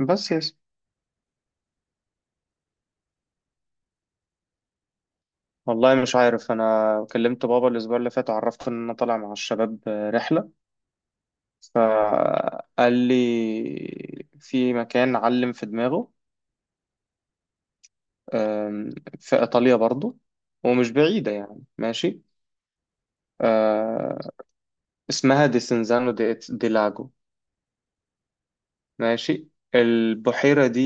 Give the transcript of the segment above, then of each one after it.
بس يا سيدي. والله مش عارف، انا كلمت بابا الاسبوع اللي فات وعرفته ان انا طالع مع الشباب رحله. فقال لي في مكان علم في دماغه، أم، في ايطاليا برضو ومش بعيده، يعني ماشي. أه، اسمها دي سنزانو دي لاجو. ماشي، البحيره دي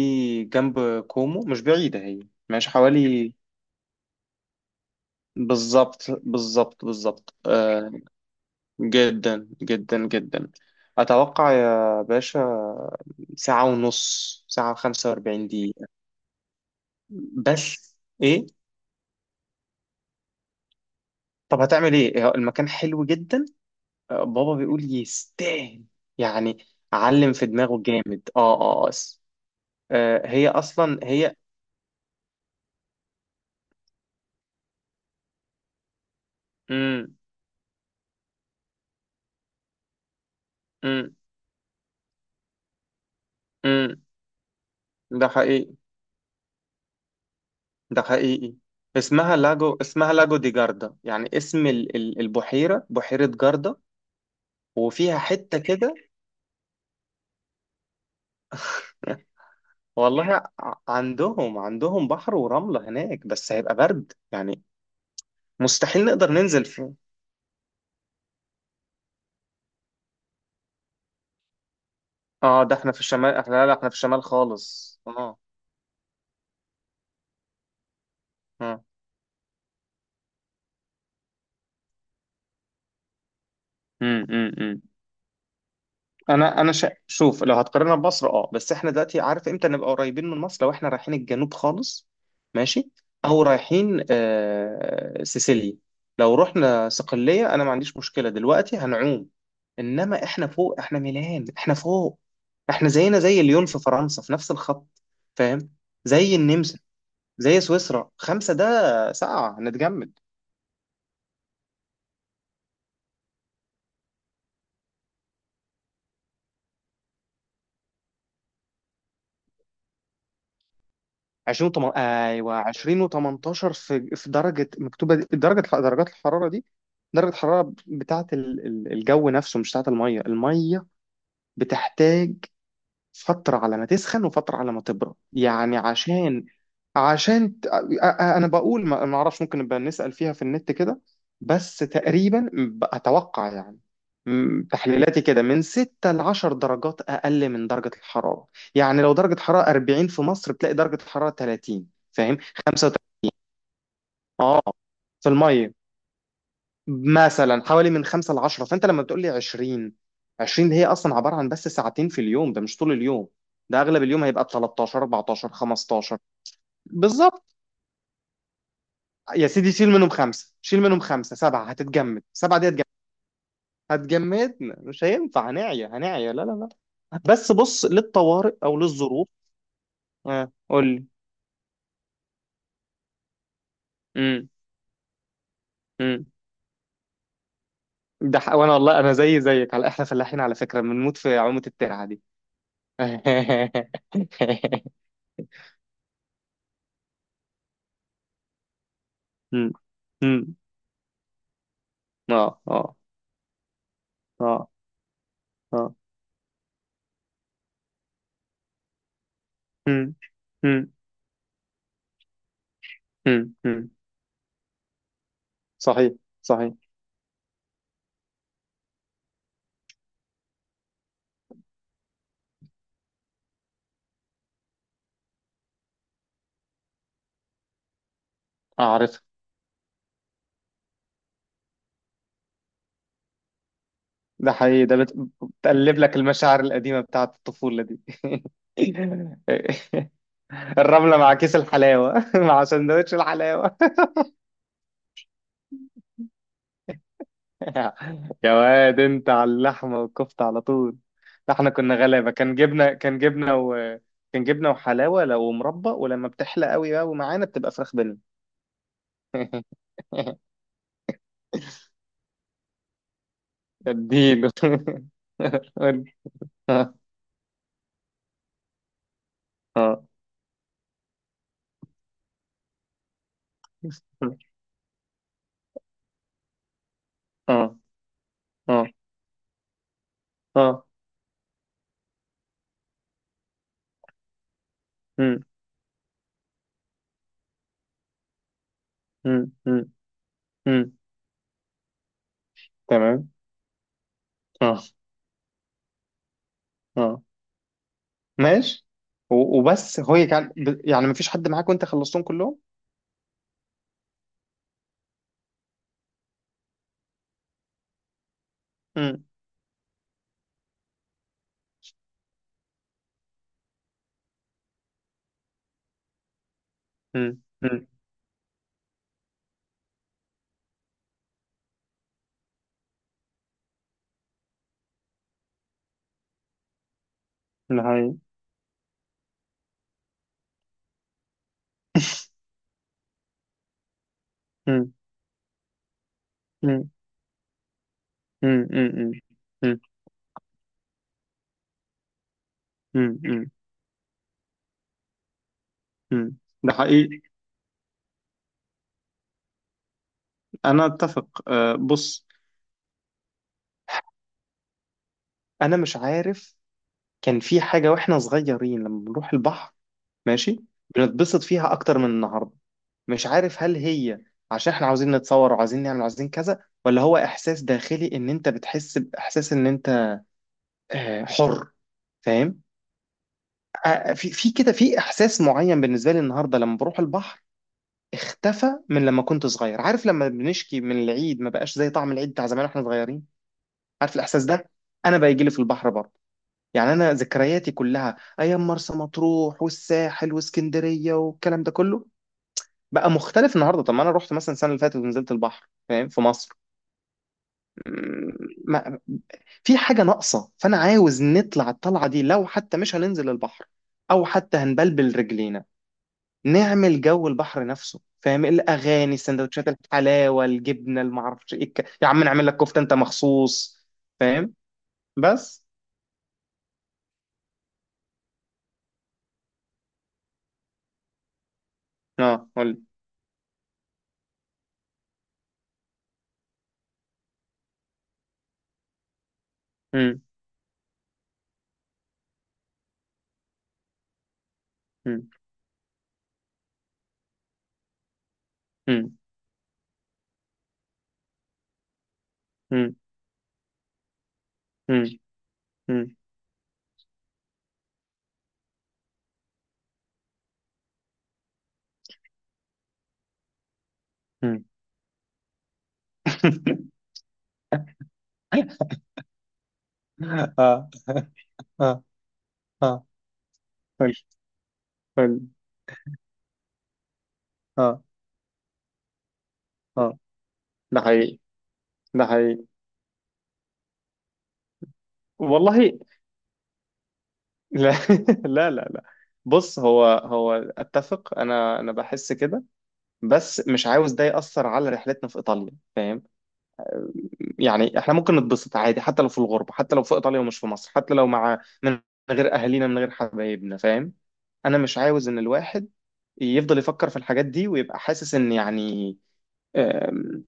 جنب كومو، مش بعيده هي. ماشي حوالي، بالظبط بالظبط بالظبط. جدا جدا جدا. أتوقع يا باشا ساعة ونص، ساعة وخمسة وأربعين دقيقة بس. إيه؟ طب هتعمل إيه؟ هو المكان حلو جدا. بابا بيقول يستاهل يعني، علم في دماغه جامد. هي أصلا هي. مم مم مم. ده حقيقي ده حقيقي. اسمها لاجو، اسمها لاجو دي جاردا، يعني اسم البحيرة، بحيرة جاردا. وفيها حتة كده. والله عندهم بحر ورملة هناك بس هيبقى برد، يعني مستحيل نقدر ننزل فيه. اه، ده احنا في الشمال، احنا لا لا، احنا في الشمال خالص. اه اه. امم. انا شوف، لو هتقارنها بمصر، اه، بس احنا دلوقتي عارف امتى نبقى قريبين من مصر؟ لو احنا رايحين الجنوب خالص، ماشي، او رايحين سيسيليا. لو رحنا صقلية انا ما عنديش مشكلة، دلوقتي هنعوم. انما احنا فوق، احنا ميلان، احنا فوق. احنا زينا زي ليون في فرنسا، في نفس الخط، فاهم. زي النمسا، زي سويسرا. خمسة ده، ساعة هنتجمد. ايوه، 20 و18. في درجه مكتوبه، درجه، درجات الحراره دي، درجه الحراره بتاعه الجو نفسه، مش بتاعه الميه. الميه بتحتاج فترة على ما تسخن وفترة على ما تبرد، يعني عشان انا بقول ما اعرفش، ممكن نبقى نسأل فيها في النت كده، بس تقريبا اتوقع، يعني تحليلاتي كده من 6 ل 10 درجات اقل من درجة الحرارة. يعني لو درجة حرارة 40 في مصر، بتلاقي درجة حرارة 30، فاهم؟ 35. اه، في المية مثلا حوالي من خمسة لعشرة. فانت لما بتقول لي 20، 20 دي هي اصلا عباره عن بس ساعتين في اليوم، ده مش طول اليوم. ده اغلب اليوم هيبقى ب 13 14 15. بالظبط. يا سيدي شيل منهم خمسه، شيل منهم خمسه سبعه، هتتجمد. سبعه دي هتجمد، هتجمدنا، مش هينفع، هنعيا هنعيا، لا لا. لا بس بص للطوارئ او للظروف. آه، قول لي. امم امم. وانا والله انا زي زيك، على احنا فلاحين على فكره، بنموت في عومه الترعه دي. أمم. أمم. اه اه اه اه. امم امم امم. صحيح صحيح. اعرف. ده حقيقي. بتقلب لك المشاعر القديمة بتاعت الطفولة دي. الرملة مع كيس الحلاوة. مع سندوتش الحلاوة. يا واد انت على اللحمة والكفتة على طول. ده احنا كنا غلابة، كان جبنة، كان جبنة و كان جبنة وحلاوة، لو مربى، ولما بتحلى قوي بقى ومعانا بتبقى فراخ بني. اديله. اه اه اه اه اه. امم امم امم امم. تمام. اه اه. ماشي. وبس، هو كان يعني مفيش حد معاك وانت خلصتهم كلهم. امم امم. ده حقيقي. امم امم امم امم امم امم امم امم. ده حقيقي. انا اتفق. بص، انا مش عارف. كان في حاجه واحنا صغيرين لما بنروح البحر، ماشي، بنتبسط فيها اكتر من النهارده. مش عارف هل هي عشان احنا عاوزين نتصور وعاوزين نعمل وعاوزين كذا، ولا هو احساس داخلي ان انت بتحس باحساس ان انت حر، فاهم. في كده في احساس معين بالنسبه لي النهارده لما بروح البحر، اختفى من لما كنت صغير. عارف لما بنشكي من العيد ما بقاش زي طعم العيد بتاع زمان واحنا صغيرين؟ عارف الاحساس ده؟ انا بيجي لي في البحر برضه. يعني انا ذكرياتي كلها ايام مرسى مطروح والساحل واسكندريه والكلام ده كله، بقى مختلف النهارده. طب ما انا رحت مثلا السنه اللي فاتت ونزلت البحر، فاهم، في مصر، ما في حاجة ناقصة. فأنا عاوز نطلع الطلعة دي، لو حتى مش هننزل البحر، أو حتى هنبلبل رجلينا، نعمل جو البحر نفسه، فاهم. الأغاني، السندوتشات، الحلاوة، الجبنة، المعرفش إيه، يا عم نعمل لك كفتة أنت مخصوص. فاهم. بس. اه، قول لي. مم، مم، مم، مم، مم، مم، مم. اه اه اه. قول قول. اه اه. ده حقيقي ده حقيقي. والله. لا. لا لا لا. بص، هو اتفق، انا بحس كده، بس مش عاوز ده ياثر على رحلتنا في ايطاليا، فاهم. يعني احنا ممكن نتبسط عادي حتى لو في الغربه، حتى لو في ايطاليا ومش في مصر، حتى لو مع من غير اهالينا، من غير حبايبنا، فاهم. انا مش عاوز ان الواحد يفضل يفكر في الحاجات دي ويبقى حاسس ان، يعني آم،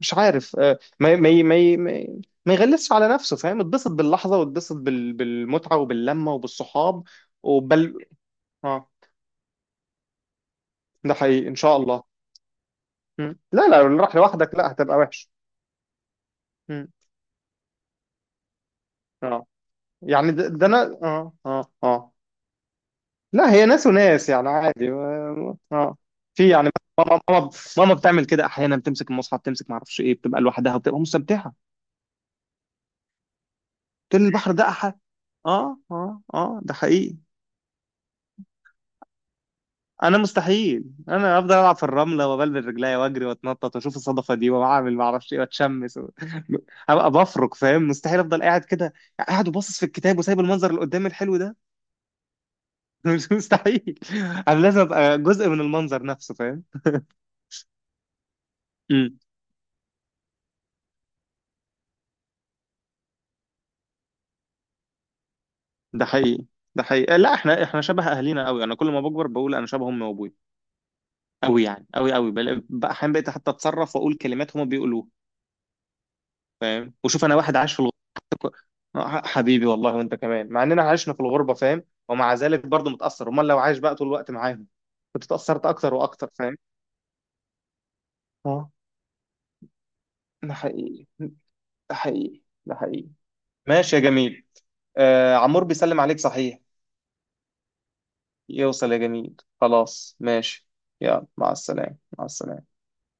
مش عارف، ما يغلسش على نفسه، فاهم. اتبسط باللحظه، واتبسط بالمتعه وباللمه وبالصحاب وبال. اه، ده حقيقي ان شاء الله. مم. لا لا، لو راح لوحدك لا، هتبقى وحش. مم. اه يعني ده انا اه اه اه. لا، هي ناس وناس، يعني عادي. اه. آه. في يعني ماما ماما ماما بتعمل كده احيانا، بتمسك المصحف، بتمسك ما اعرفش ايه، بتبقى لوحدها وبتبقى مستمتعه. تقول البحر ده احد. اه اه اه. ده حقيقي. انا مستحيل، انا افضل العب في الرمله وبلبس رجليا واجري واتنطط واشوف الصدفه دي واعمل ما اعرفش ايه واتشمس و... هبقى بفرك، فاهم. مستحيل افضل قاعد كده، قاعد وباصص في الكتاب وسايب المنظر اللي قدامي الحلو ده. مش مستحيل. انا لازم ابقى جزء من المنظر نفسه، فاهم. امم. ده حقيقي ده حقيقي. لا، احنا شبه اهالينا قوي. انا كل ما بكبر بقول انا شبه امي وابوي قوي، يعني قوي قوي، بقى احيانا بقيت حتى اتصرف واقول كلمات هما بيقولوها، فاهم. وشوف انا واحد عاش في الغربه حتى حبيبي، والله وانت كمان مع اننا عشنا في الغربه فاهم، ومع ذلك برضه متاثر، امال لو عايش بقى طول الوقت معاهم كنت اتاثرت اكتر واكتر، فاهم. اه. ده حقيقي ده حقيقي ده حقيقي. ماشي يا جميل. آه، عمور بيسلم عليك صحيح. يوصل يا جميل. خلاص ماشي. يلا مع السلامه، مع السلامه.